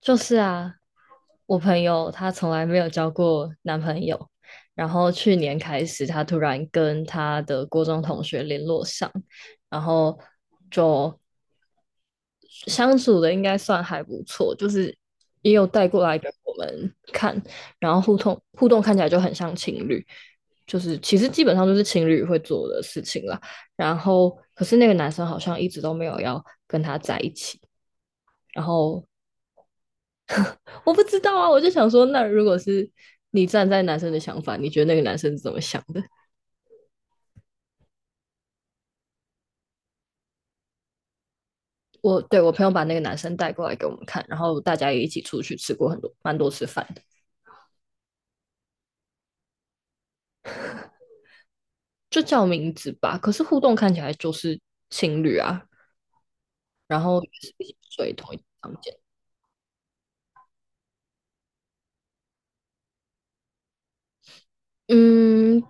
就是啊，我朋友她从来没有交过男朋友，然后去年开始，她突然跟她的高中同学联络上，然后就相处的应该算还不错，就是也有带过来给我们看，然后互动看起来就很像情侣，就是其实基本上就是情侣会做的事情啦。然后可是那个男生好像一直都没有要跟她在一起，然后我不知道啊，我就想说，那如果是你站在男生的想法，你觉得那个男生是怎么想的？我对我朋友把那个男生带过来给我们看，然后大家也一起出去吃过蛮多次饭的，就叫名字吧。可是互动看起来就是情侣啊，然后也是一起睡同一个房间。嗯，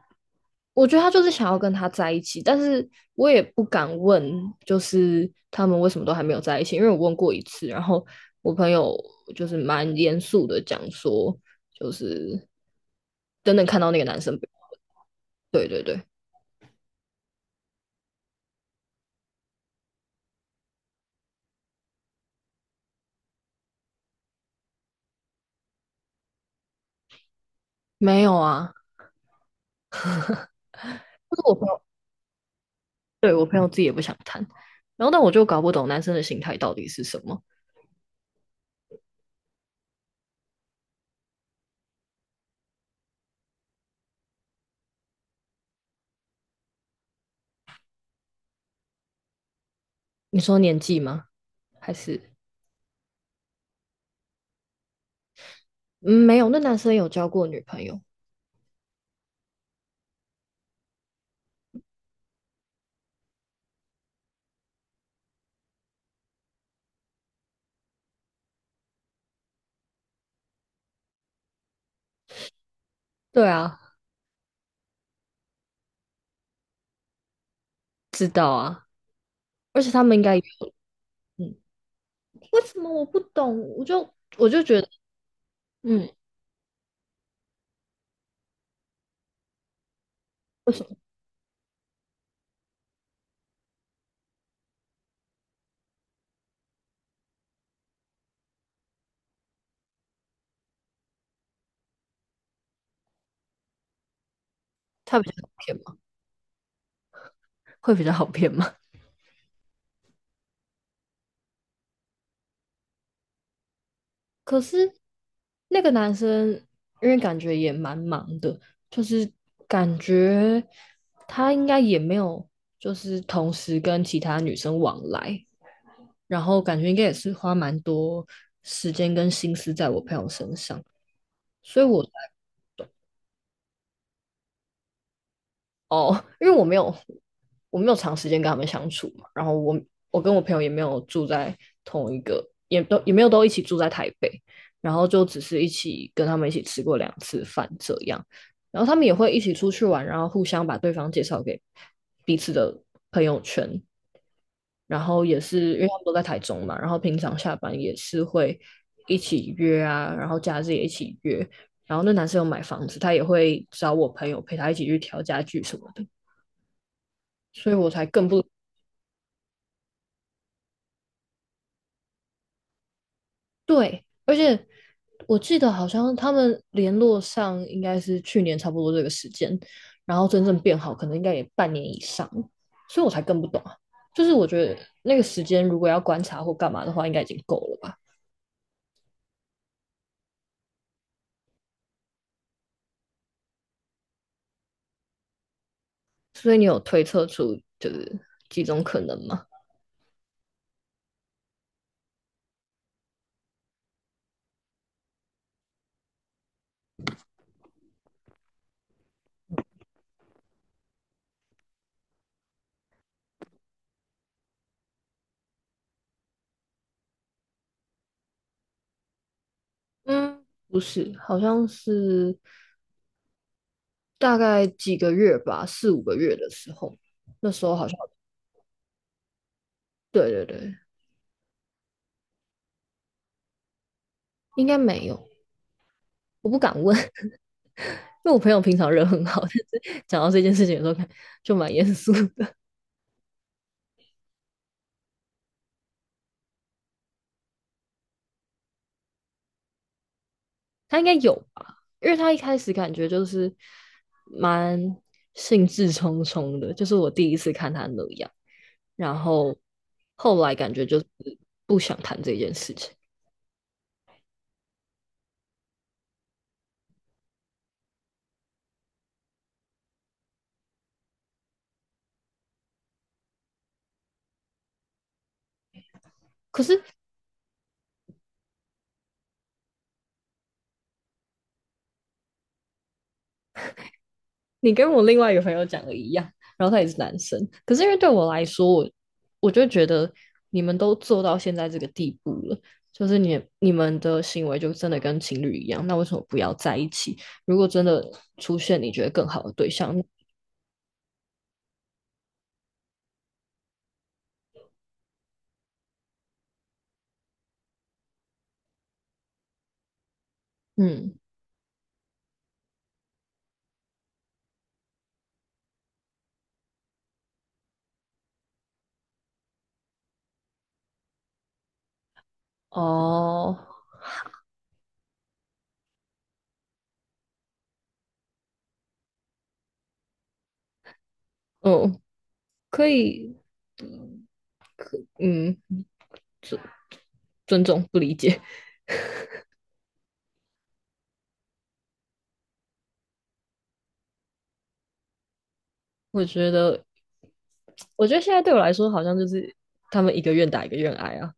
我觉得他就是想要跟他在一起，但是我也不敢问，就是他们为什么都还没有在一起，因为我问过一次，然后我朋友就是蛮严肃的讲说，就是等等看到那个男生不要对对对，没有啊，就是我朋友，对，我朋友自己也不想谈，然后但我就搞不懂男生的心态到底是什么，你说年纪吗？还是，嗯，没有，那男生有交过女朋友，对啊，知道啊，而且他们应该有，嗯。为什么我不懂？我就觉得，嗯，为什么？他比较好骗吗？会比较好骗吗？可是那个男生，因为感觉也蛮忙的，就是感觉他应该也没有，就是同时跟其他女生往来，然后感觉应该也是花蛮多时间跟心思在我朋友身上，所以我才哦，因为我没有我没有长时间跟他们相处嘛，然后我跟我朋友也没有住在同一个，也都也没有都一起住在台北，然后就只是一起跟他们一起吃过2次饭这样，然后他们也会一起出去玩，然后互相把对方介绍给彼此的朋友圈，然后也是因为他们都在台中嘛，然后平常下班也是会一起约啊，然后假日也一起约，然后那男生有买房子，他也会找我朋友陪他一起去调家具什么的。所以我才更不对。而且我记得好像他们联络上应该是去年差不多这个时间，然后真正变好可能应该也半年以上，所以我才更不懂啊。就是我觉得那个时间如果要观察或干嘛的话，应该已经够了吧？所以你有推测出就是几种可能吗？嗯，不是，好像是大概几个月吧，四五个月的时候，那时候好像对对对，应该没有。我不敢问，因为我朋友平常人很好，但是讲到这件事情的时候，就蛮严肃的。他应该有吧，因为他一开始感觉就是蛮兴致冲冲的，就是我第一次看他那样，然后后来感觉就是不想谈这件事情。可是你跟我另外一个朋友讲的一样，然后他也是男生，可是因为对我来说，我就觉得你们都做到现在这个地步了，就是你们的行为就真的跟情侣一样，那为什么不要在一起？如果真的出现你觉得更好的对象，嗯，哦，哦，可以，嗯，尊重不理解，我觉得，我觉得现在对我来说，好像就是他们一个愿打一个愿挨啊，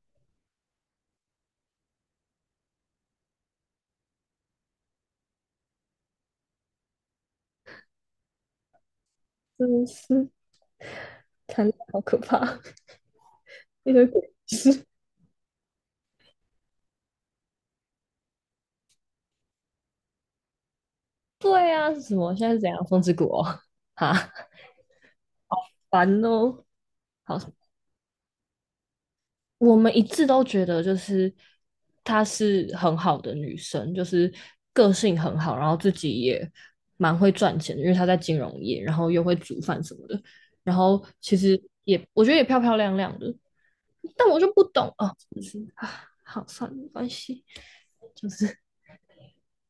真的是谈恋爱好可怕，一堆对啊，是什么？现在是怎样？风之谷哦，哈，烦哦。好，我们一致都觉得就是她是很好的女生，就是个性很好，然后自己也蛮会赚钱的，因为她在金融业，然后又会煮饭什么的，然后其实也我觉得也漂漂亮亮的，但我就不懂哦，就是啊，好算了，没关系，就是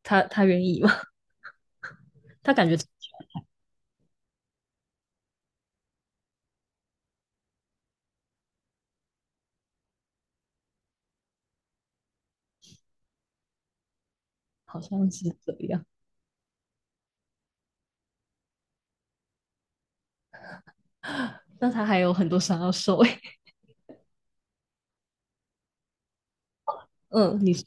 她愿意嘛，她感觉好像是这样，那她还有很多伤要受欸嗯，你说，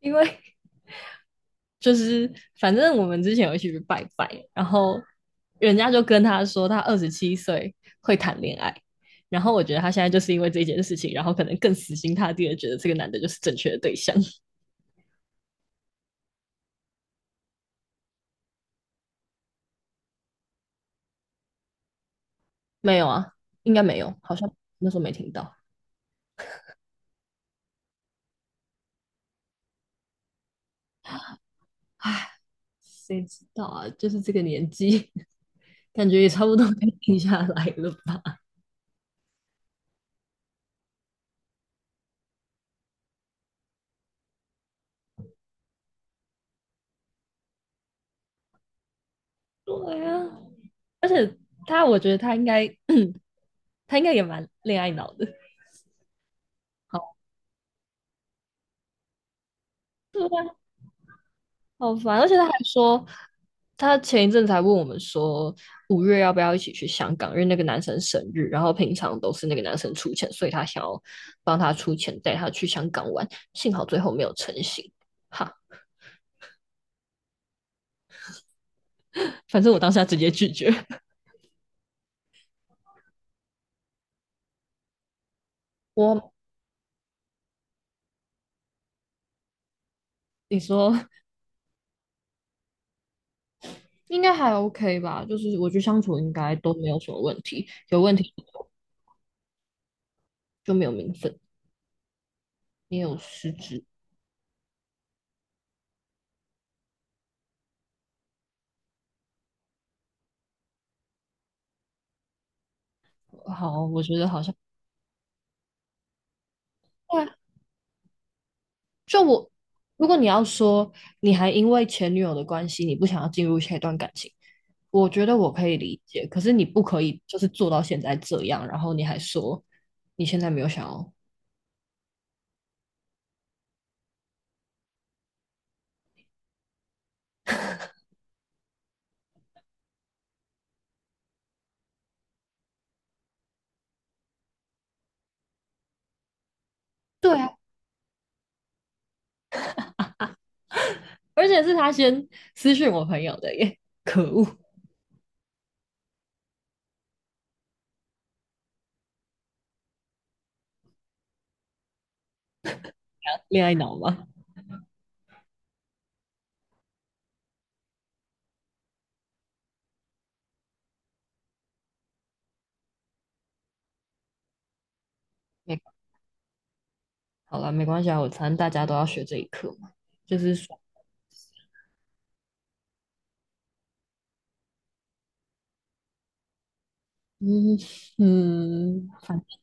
因为 就是反正我们之前有一起去拜拜，然后人家就跟他说他27岁会谈恋爱，然后我觉得他现在就是因为这件事情，然后可能更死心塌地的觉得这个男的就是正确的对象。没有啊，应该没有，好像那时候没听到。唉，谁知道啊？就是这个年纪，感觉也差不多该定下来了吧？对啊，而且他，我觉得他应该，他应该也蛮恋爱脑的。好对啊，好烦，而且他还说，他前一阵才问我们说，5月要不要一起去香港，因为那个男生生日，然后平常都是那个男生出钱，所以他想要帮他出钱带他去香港玩，幸好最后没有成行。哈，反正我当下直接拒绝。我，你说应该还 OK 吧？就是我觉得相处应该都没有什么问题，有问题就没有名分，也有失职。好，我觉得好像。就我，如果你要说你还因为前女友的关系，你不想要进入下一段感情，我觉得我可以理解。可是你不可以就是做到现在这样，然后你还说你现在没有想要。对啊，而且是他先私讯我朋友的耶，可恶，恋爱脑吗？没，好了，没关系啊，我反正大家都要学这一课嘛，就是说，嗯嗯，反正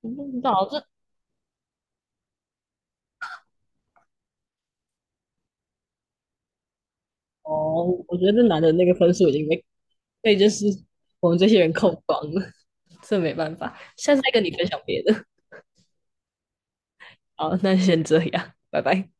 不知道这哦，我觉得这男的那个分数已经被就是我们这些人扣光了，这没办法。下次再跟你分享别的。好，那先这样，拜拜。